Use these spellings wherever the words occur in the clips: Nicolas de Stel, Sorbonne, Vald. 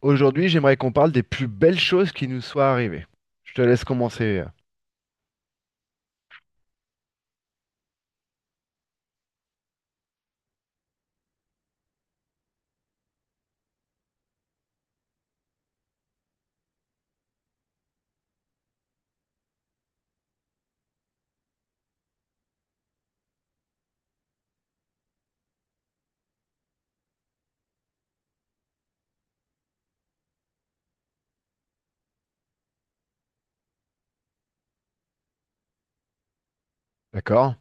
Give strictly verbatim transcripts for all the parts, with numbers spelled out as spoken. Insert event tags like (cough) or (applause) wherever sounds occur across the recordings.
Aujourd'hui, j'aimerais qu'on parle des plus belles choses qui nous soient arrivées. Je te laisse commencer. euh, D'accord?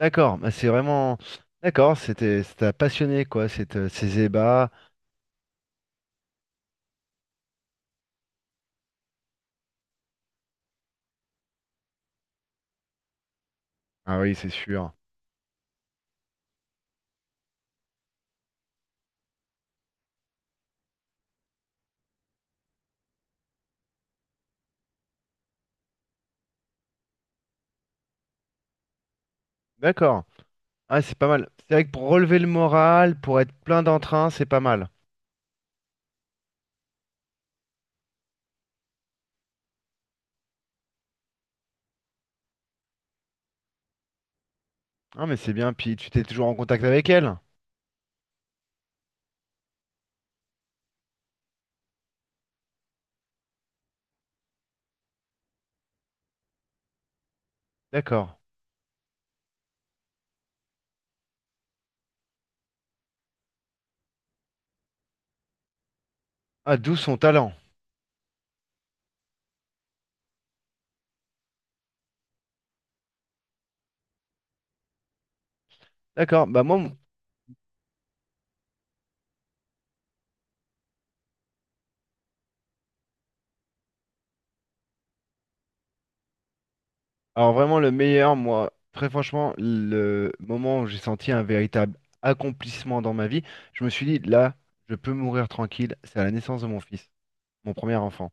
D'accord, bah c'est vraiment... D'accord, c'était, ça t'a passionné, quoi, cette, euh, ces ébats. Ah oui, c'est sûr. D'accord. Ah, c'est pas mal. C'est vrai que pour relever le moral, pour être plein d'entrain, c'est pas mal. Ah, mais c'est bien, puis tu t'es toujours en contact avec elle. D'accord. Ah, d'où son talent. D'accord, bah moi, mon... Alors vraiment le meilleur, moi, très franchement, le moment où j'ai senti un véritable accomplissement dans ma vie, je me suis dit, là, je peux mourir tranquille, c'est à la naissance de mon fils, mon premier enfant.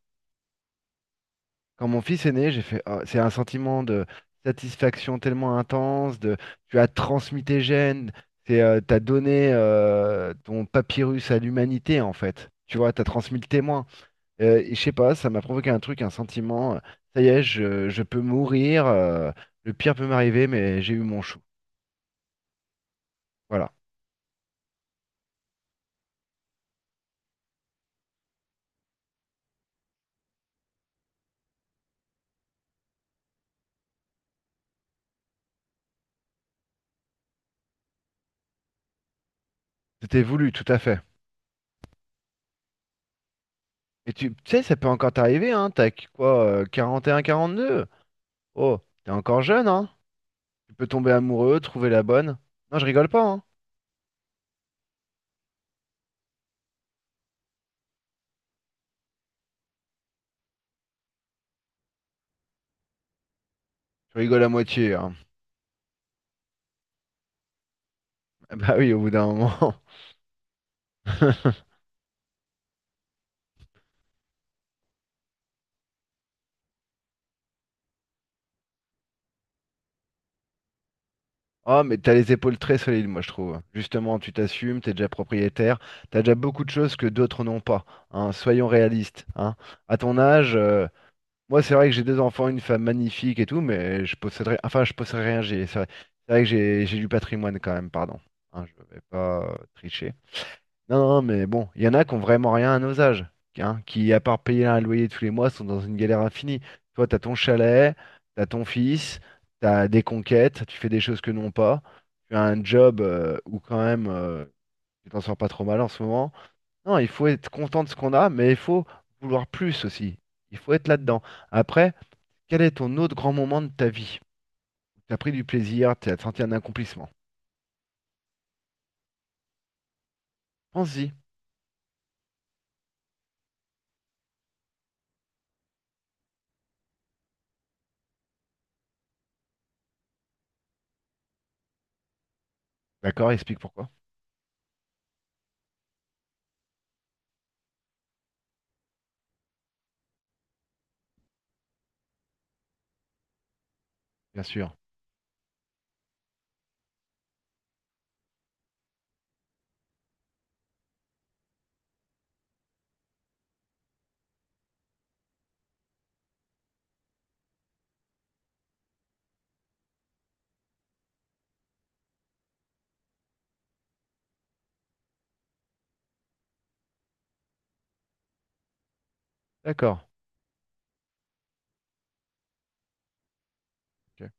Quand mon fils est né, j'ai fait, ah, c'est un sentiment de satisfaction tellement intense, de, tu as transmis tes gènes, c'est, euh, t'as donné euh, ton papyrus à l'humanité en fait. Tu vois, t'as transmis le témoin. Euh, et je sais pas, ça m'a provoqué un truc, un sentiment. euh, Ça y est, je, je peux mourir. Euh, le pire peut m'arriver, mais j'ai eu mon chou. Voilà. C'était voulu, tout à fait. Et tu tu sais, ça peut encore t'arriver, hein. T'as qu- quoi, euh, quarante deux? Oh, t'es encore jeune, hein. Tu peux tomber amoureux, trouver la bonne. Non, je rigole pas, hein. Je rigole à moitié, hein. (laughs) Bah oui, au bout d'un moment. (laughs) Oh mais t'as les épaules très solides, moi je trouve. Justement, tu t'assumes, t'es déjà propriétaire, t'as déjà beaucoup de choses que d'autres n'ont pas. Hein, soyons réalistes. Hein. À ton âge, euh, moi c'est vrai que j'ai deux enfants, une femme magnifique et tout, mais je posséderais, enfin je posséderais rien. j'ai- C'est vrai, c'est vrai que j'ai j'ai du patrimoine quand même, pardon. Hein, je vais pas euh, tricher. Non, non, mais bon, il y en a qui ont vraiment rien à nos âges, hein, qui, à part payer un loyer tous les mois, sont dans une galère infinie. Toi, t'as ton chalet, t'as ton fils, t'as des conquêtes, tu fais des choses que non pas, tu as un job euh, où quand même euh, tu t'en sors pas trop mal en ce moment. Non, il faut être content de ce qu'on a, mais il faut vouloir plus aussi. Il faut être là-dedans. Après, quel est ton autre grand moment de ta vie? T'as pris du plaisir, t'as senti un accomplissement. Pense-y. D'accord, explique pourquoi. Bien sûr. D'accord. Ok.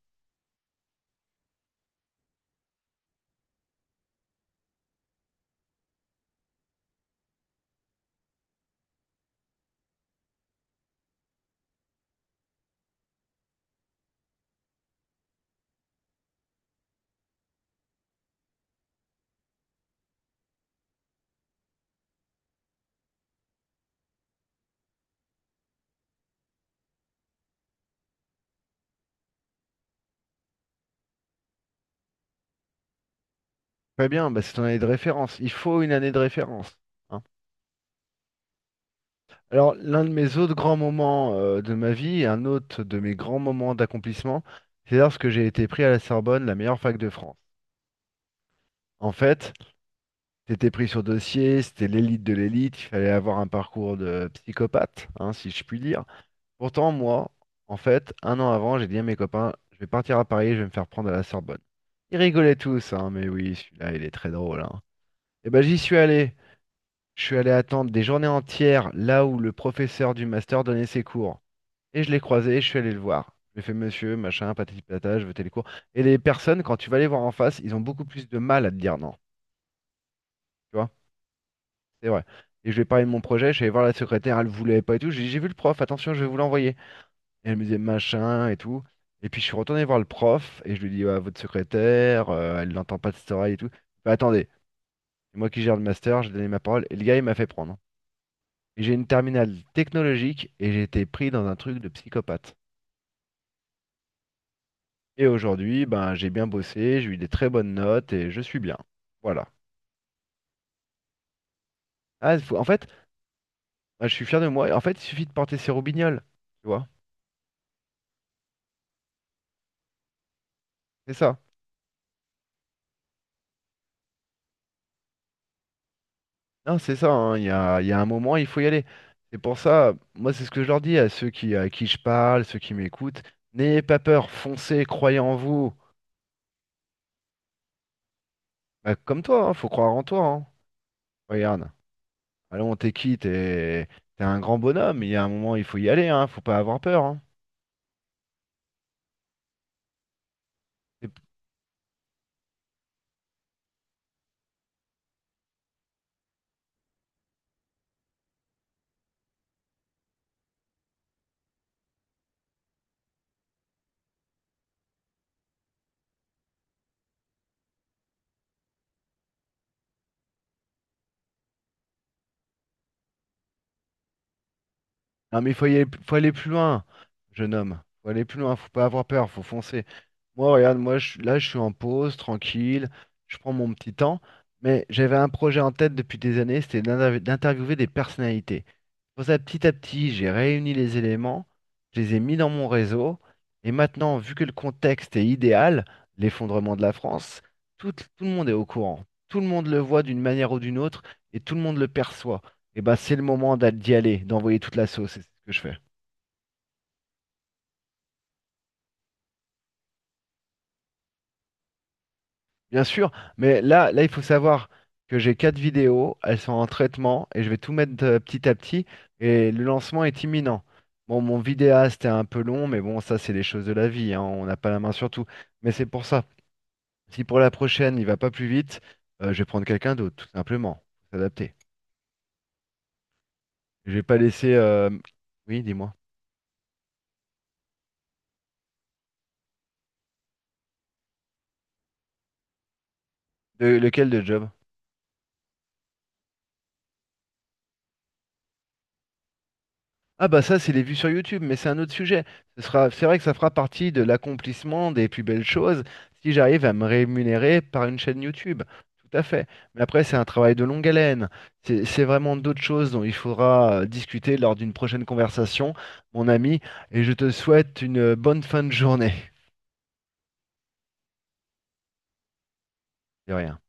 Très bien, bah, c'est ton année de référence. Il faut une année de référence. Hein. Alors, l'un de mes autres grands moments euh, de ma vie, un autre de mes grands moments d'accomplissement, c'est lorsque j'ai été pris à la Sorbonne, la meilleure fac de France. En fait, c'était pris sur dossier, c'était l'élite de l'élite, il fallait avoir un parcours de psychopathe, hein, si je puis dire. Pourtant, moi, en fait, un an avant, j'ai dit à mes copains, je vais partir à Paris, je vais me faire prendre à la Sorbonne. Ils rigolaient tous, hein, mais oui, celui-là, il est très drôle, hein. Et ben, j'y suis allé. Je suis allé attendre des journées entières là où le professeur du master donnait ses cours. Et je l'ai croisé, et je suis allé le voir. Je lui fait monsieur, machin, patati patata, je veux les cours. Et les personnes, quand tu vas les voir en face, ils ont beaucoup plus de mal à te dire non. Tu vois, c'est vrai. Et je lui ai parlé de mon projet, je suis allé voir la secrétaire, elle voulait pas et tout. J'ai dit, j'ai vu le prof, attention, je vais vous l'envoyer. Et elle me disait machin et tout. Et puis je suis retourné voir le prof et je lui ai dit, ouais, votre secrétaire, euh, elle n'entend pas de cette oreille et tout. Bah, attendez, c'est moi qui gère le master, j'ai donné ma parole. Et le gars, il m'a fait prendre. J'ai une terminale technologique et j'ai été pris dans un truc de psychopathe. Et aujourd'hui, ben, j'ai bien bossé, j'ai eu des très bonnes notes et je suis bien. Voilà. Ah, faut- en fait, moi, je suis fier de moi. En fait, il suffit de porter ses roubignoles. Tu vois? C'est ça. Non, c'est ça. Hein, il y a, il y a un moment, il faut y aller. C'est pour ça, moi, c'est ce que je leur dis à ceux qui, à qui je parle, ceux qui m'écoutent. N'ayez pas peur, foncez, croyez en vous. Bah, comme toi, hein, faut croire en toi. Hein. Regarde. Allons, t'es qui? T'es t'es un grand bonhomme. Il y a un moment, il faut y aller. Hein, faut pas avoir peur. Hein. C'est... Non, mais il faut y aller, faut aller plus loin, jeune homme. Faut aller plus loin, faut pas avoir peur, faut foncer. Moi, regarde, moi, je, là, je suis en pause, tranquille, je prends mon petit temps. Mais j'avais un projet en tête depuis des années, c'était d'interv- d'interviewer des personnalités. Pour ça, petit à petit, j'ai réuni les éléments, je les ai mis dans mon réseau, et maintenant, vu que le contexte est idéal, l'effondrement de la France, tout, tout le monde est au courant. Tout le monde le voit d'une manière ou d'une autre, et tout le monde le perçoit. Et ben c'est le moment d'a- d'y aller, d'envoyer toute la sauce, et c'est ce que je fais. Bien sûr, mais là, là, il faut savoir que j'ai quatre vidéos, elles sont en traitement, et je vais tout mettre euh, petit à petit, et le lancement est imminent. Bon, mon vidéaste est un peu long, mais bon, ça, c'est les choses de la vie, hein, on n'a pas la main sur tout. Mais c'est pour ça. Si pour la prochaine, il va pas plus vite, euh, je vais prendre quelqu'un d'autre, tout simplement. Faut s'adapter. Je vais pas laisser... euh, Oui, dis-moi. De- lequel de job? Ah bah ça, c'est les vues sur YouTube, mais c'est un autre sujet. Ce sera, c'est vrai que ça fera partie de l'accomplissement des plus belles choses si j'arrive à me rémunérer par une chaîne YouTube. Tout à fait. Mais après, c'est un travail de longue haleine. C'est, c'est vraiment d'autres choses dont il faudra euh, discuter lors d'une prochaine conversation, mon ami, et je te souhaite une bonne fin de journée. De rien.